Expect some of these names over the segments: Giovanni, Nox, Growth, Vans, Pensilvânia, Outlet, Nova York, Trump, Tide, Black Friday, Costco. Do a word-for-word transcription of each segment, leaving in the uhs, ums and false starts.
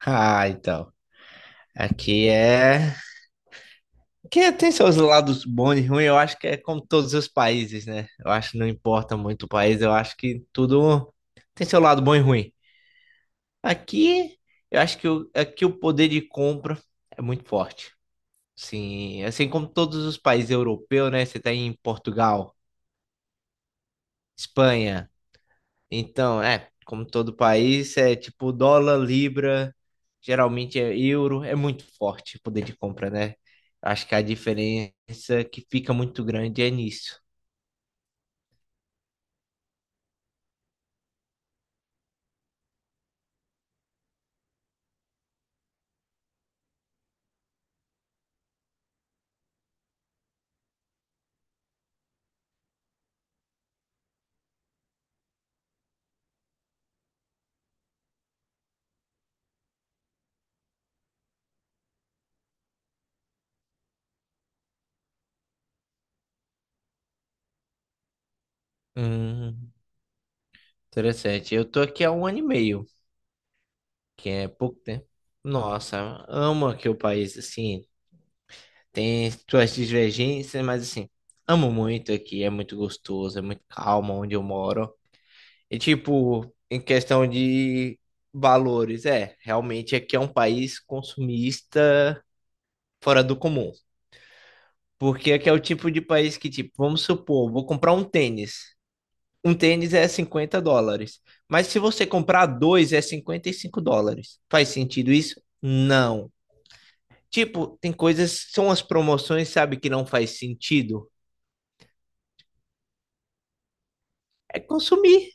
Ah, então. Aqui é. Que tem seus lados bons e ruins, eu acho que é como todos os países, né? Eu acho que não importa muito o país, eu acho que tudo tem seu lado bom e ruim. Aqui, eu acho que o, aqui o poder de compra é muito forte. Sim, assim como todos os países europeus, né? Você tá em Portugal, Espanha. Então, é, como todo país, é tipo dólar, libra, geralmente é euro, é muito forte o poder de compra, né? Acho que a diferença que fica muito grande é nisso. Hum, interessante. Eu tô aqui há um ano e meio, que é pouco tempo. Nossa, amo aqui o país, assim, tem suas divergências, mas assim, amo muito aqui, é muito gostoso, é muito calmo onde eu moro. E tipo, em questão de valores, é, realmente aqui é um país consumista fora do comum. Porque aqui é o tipo de país que, tipo, vamos supor, vou comprar um tênis. Um tênis é cinquenta dólares. Mas se você comprar dois, é cinquenta e cinco dólares. Faz sentido isso? Não. Tipo, tem coisas, são as promoções, sabe, que não faz sentido. É consumir.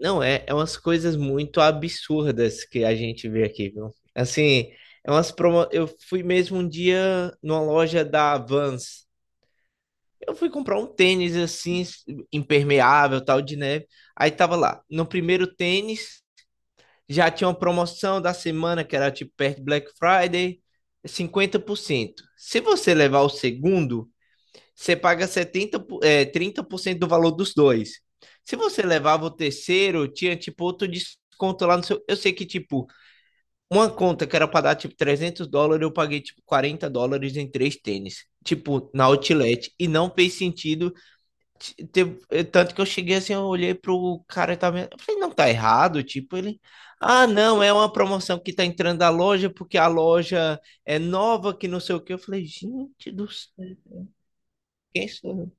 Não, é, é umas coisas muito absurdas que a gente vê aqui, viu? Assim, é umas promo... Eu fui mesmo um dia numa loja da Vans. Eu fui comprar um tênis assim, impermeável, tal, de neve. Aí tava lá. No primeiro tênis, já tinha uma promoção da semana, que era tipo perto de Black Friday, cinquenta por cento. Se você levar o segundo, você paga setenta é trinta por cento do valor dos dois. Se você levava o terceiro, tinha tipo outro desconto lá no seu. Eu sei que, tipo, uma conta que era pra dar tipo trezentos dólares, eu paguei tipo quarenta dólares em três tênis, tipo, na Outlet. E não fez sentido. t- ter- eh, Tanto que eu cheguei assim, eu olhei pro cara e tava vendo. Eu falei, não tá errado, tipo, ele. Ah, não, é uma promoção que tá entrando da loja porque a loja é nova, que não sei o que. Eu falei, gente do céu, quem sou eu?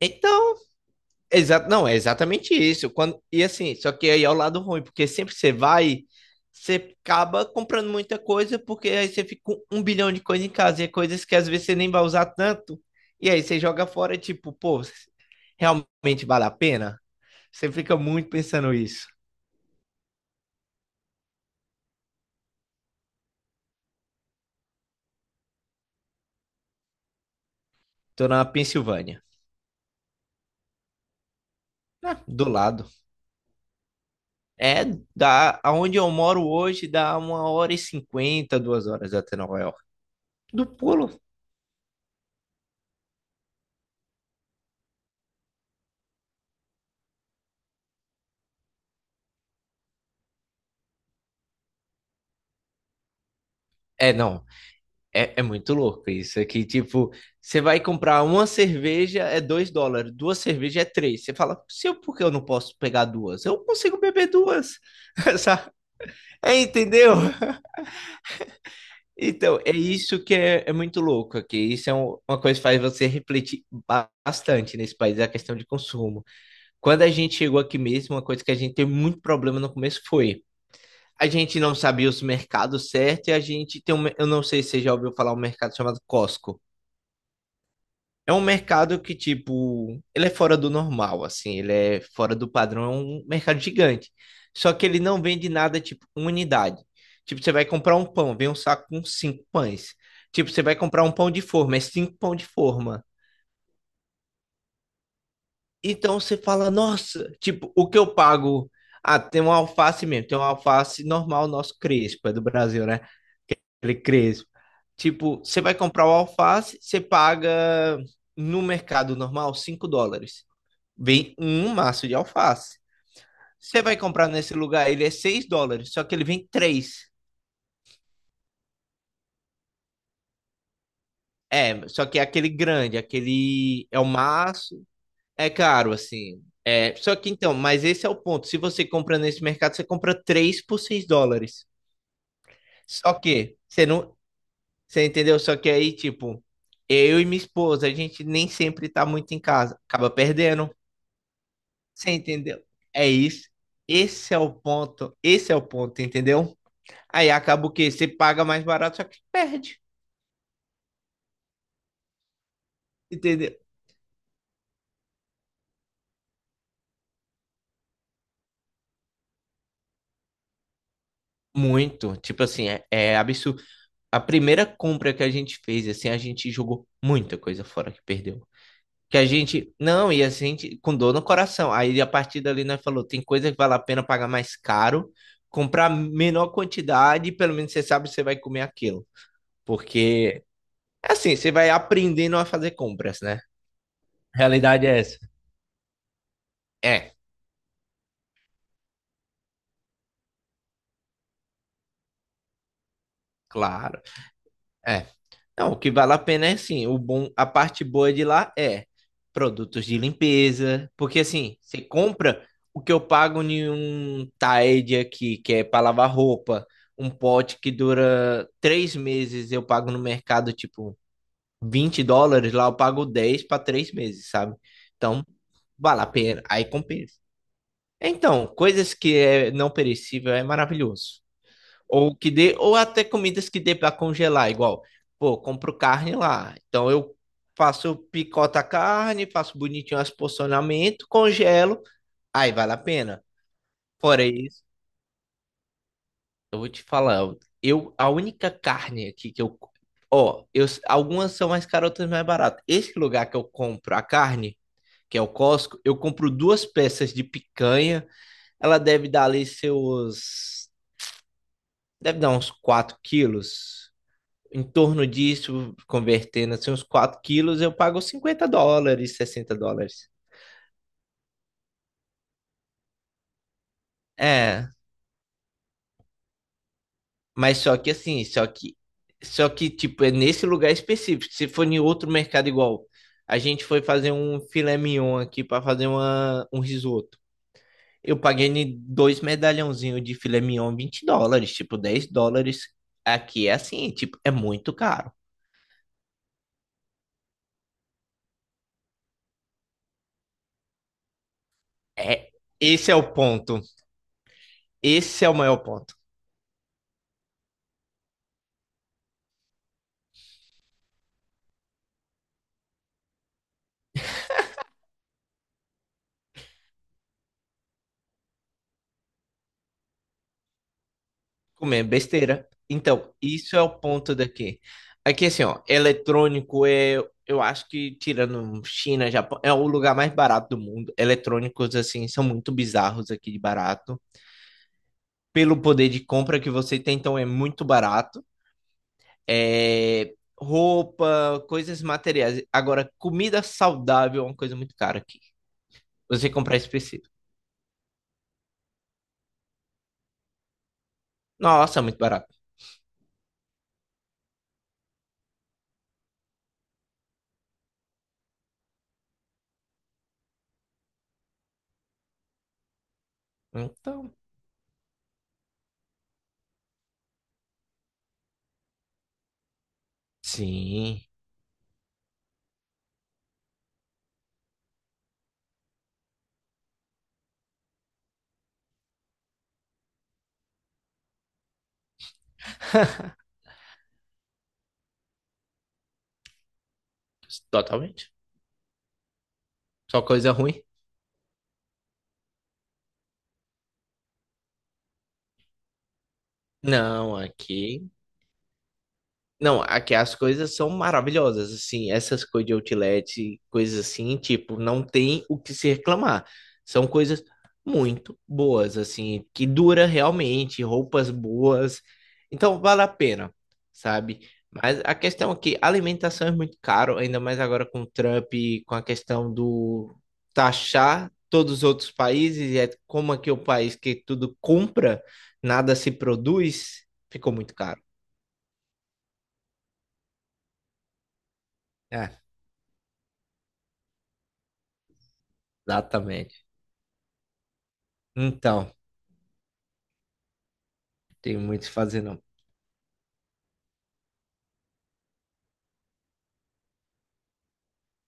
Então. Exato, não, é exatamente isso. Quando, e assim, só que aí é o lado ruim, porque sempre você vai, você acaba comprando muita coisa, porque aí você fica com um bilhão de coisas em casa, e é coisas que às vezes você nem vai usar tanto, e aí você joga fora, tipo, pô, realmente vale a pena? Você fica muito pensando isso. Tô na Pensilvânia, né, do lado. É da aonde eu moro hoje, dá uma hora e cinquenta, duas horas até Nova York. Do pulo. É, não, É, é muito louco isso aqui. Tipo, você vai comprar uma cerveja é dois dólares, duas cervejas é três. Você fala, se eu, por que eu não posso pegar duas? Eu consigo beber duas. Sabe? É, entendeu? Então, é isso que é, é muito louco aqui. Isso é um- uma coisa que faz você refletir ba- bastante nesse país, é a questão de consumo. Quando a gente chegou aqui mesmo, uma coisa que a gente teve muito problema no começo foi. A gente não sabia os mercados certos e a gente tem um. Eu não sei se você já ouviu falar um mercado chamado Costco. É um mercado que, tipo, ele é fora do normal, assim, ele é fora do padrão, é um mercado gigante. Só que ele não vende nada, tipo, uma unidade. Tipo, você vai comprar um pão, vem um saco com cinco pães. Tipo, você vai comprar um pão de forma, é cinco pão de forma. Então você fala, nossa, tipo, o que eu pago? Ah, tem uma alface mesmo, tem uma alface normal, nosso crespo, é do Brasil, né? Aquele crespo. Tipo, você vai comprar o alface, você paga no mercado normal cinco dólares. Vem um maço de alface. Você vai comprar nesse lugar, ele é seis dólares, só que ele vem três. É, só que é aquele grande, aquele. É o maço. É caro, assim. É, só que então, mas esse é o ponto. Se você compra nesse mercado, você compra três por seis dólares. Só que você não. Você entendeu? Só que aí, tipo, eu e minha esposa, a gente nem sempre tá muito em casa. Acaba perdendo. Você entendeu? É isso. Esse é o ponto. Esse é o ponto, entendeu? Aí acaba o quê? Você paga mais barato, só que perde. Entendeu? Muito. Tipo assim, é, é absurdo. A primeira compra que a gente fez, assim, a gente jogou muita coisa fora que perdeu. Que a gente. Não, e a gente com dor no coração. Aí a partir dali nós falou: tem coisa que vale a pena pagar mais caro, comprar menor quantidade, e pelo menos você sabe que você vai comer aquilo. Porque, assim, você vai aprendendo a fazer compras, né? Realidade é essa. É, claro. É. Não, o que vale a pena é sim, o bom, a parte boa de lá é produtos de limpeza, porque assim, você compra o que eu pago em um Tide aqui, que é para lavar roupa, um pote que dura três meses, eu pago no mercado tipo vinte dólares, lá eu pago dez para três meses, sabe? Então, vale a pena, aí compensa. Então, coisas que é não perecível é maravilhoso. Ou que dê, ou até comidas que dê para congelar, igual, pô, compro carne lá. Então eu faço, picoto a carne, faço bonitinho as porcionamento, congelo, aí vale a pena. Fora isso, eu vou te falar, eu a única carne aqui que eu, ó, eu algumas são mais caras, outras mais baratas. Esse lugar que eu compro a carne, que é o Costco, eu compro duas peças de picanha, ela deve dar ali seus, deve dar uns quatro quilos, em torno disso, convertendo assim, uns quatro quilos, eu pago cinquenta dólares, sessenta dólares. É, mas só que assim, só que, só que, tipo, é nesse lugar específico. Se for em outro mercado igual, a gente foi fazer um filé mignon aqui para fazer uma, um risoto. Eu paguei em dois medalhãozinhos de filé mignon, vinte dólares, tipo, dez dólares. Aqui é assim, tipo, é muito caro. É, esse é o ponto. Esse é o maior ponto. Comer besteira. Então, isso é o ponto daqui. Aqui, assim, ó, eletrônico é, eu acho que, tirando China, Japão, é o lugar mais barato do mundo. Eletrônicos, assim, são muito bizarros aqui de barato. Pelo poder de compra que você tem, então é muito barato. É, roupa, coisas materiais. Agora, comida saudável é uma coisa muito cara aqui. Você comprar específico. Nossa, é muito barato. Então, sim, totalmente. Só coisa ruim. Não, aqui. Não, aqui as coisas são maravilhosas, assim, essas coisas de outlet, coisas assim, tipo, não tem o que se reclamar. São coisas muito boas, assim, que dura realmente, roupas boas. Então vale a pena, sabe? Mas a questão é que a alimentação é muito caro, ainda mais agora com o Trump, e com a questão do taxar todos os outros países, e é como aqui é o país que tudo compra, nada se produz, ficou muito caro. É, exatamente. Então, tem muito o que fazer não.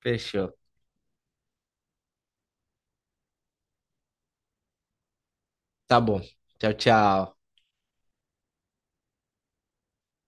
Fechou. Tá bom. Tchau, tchau.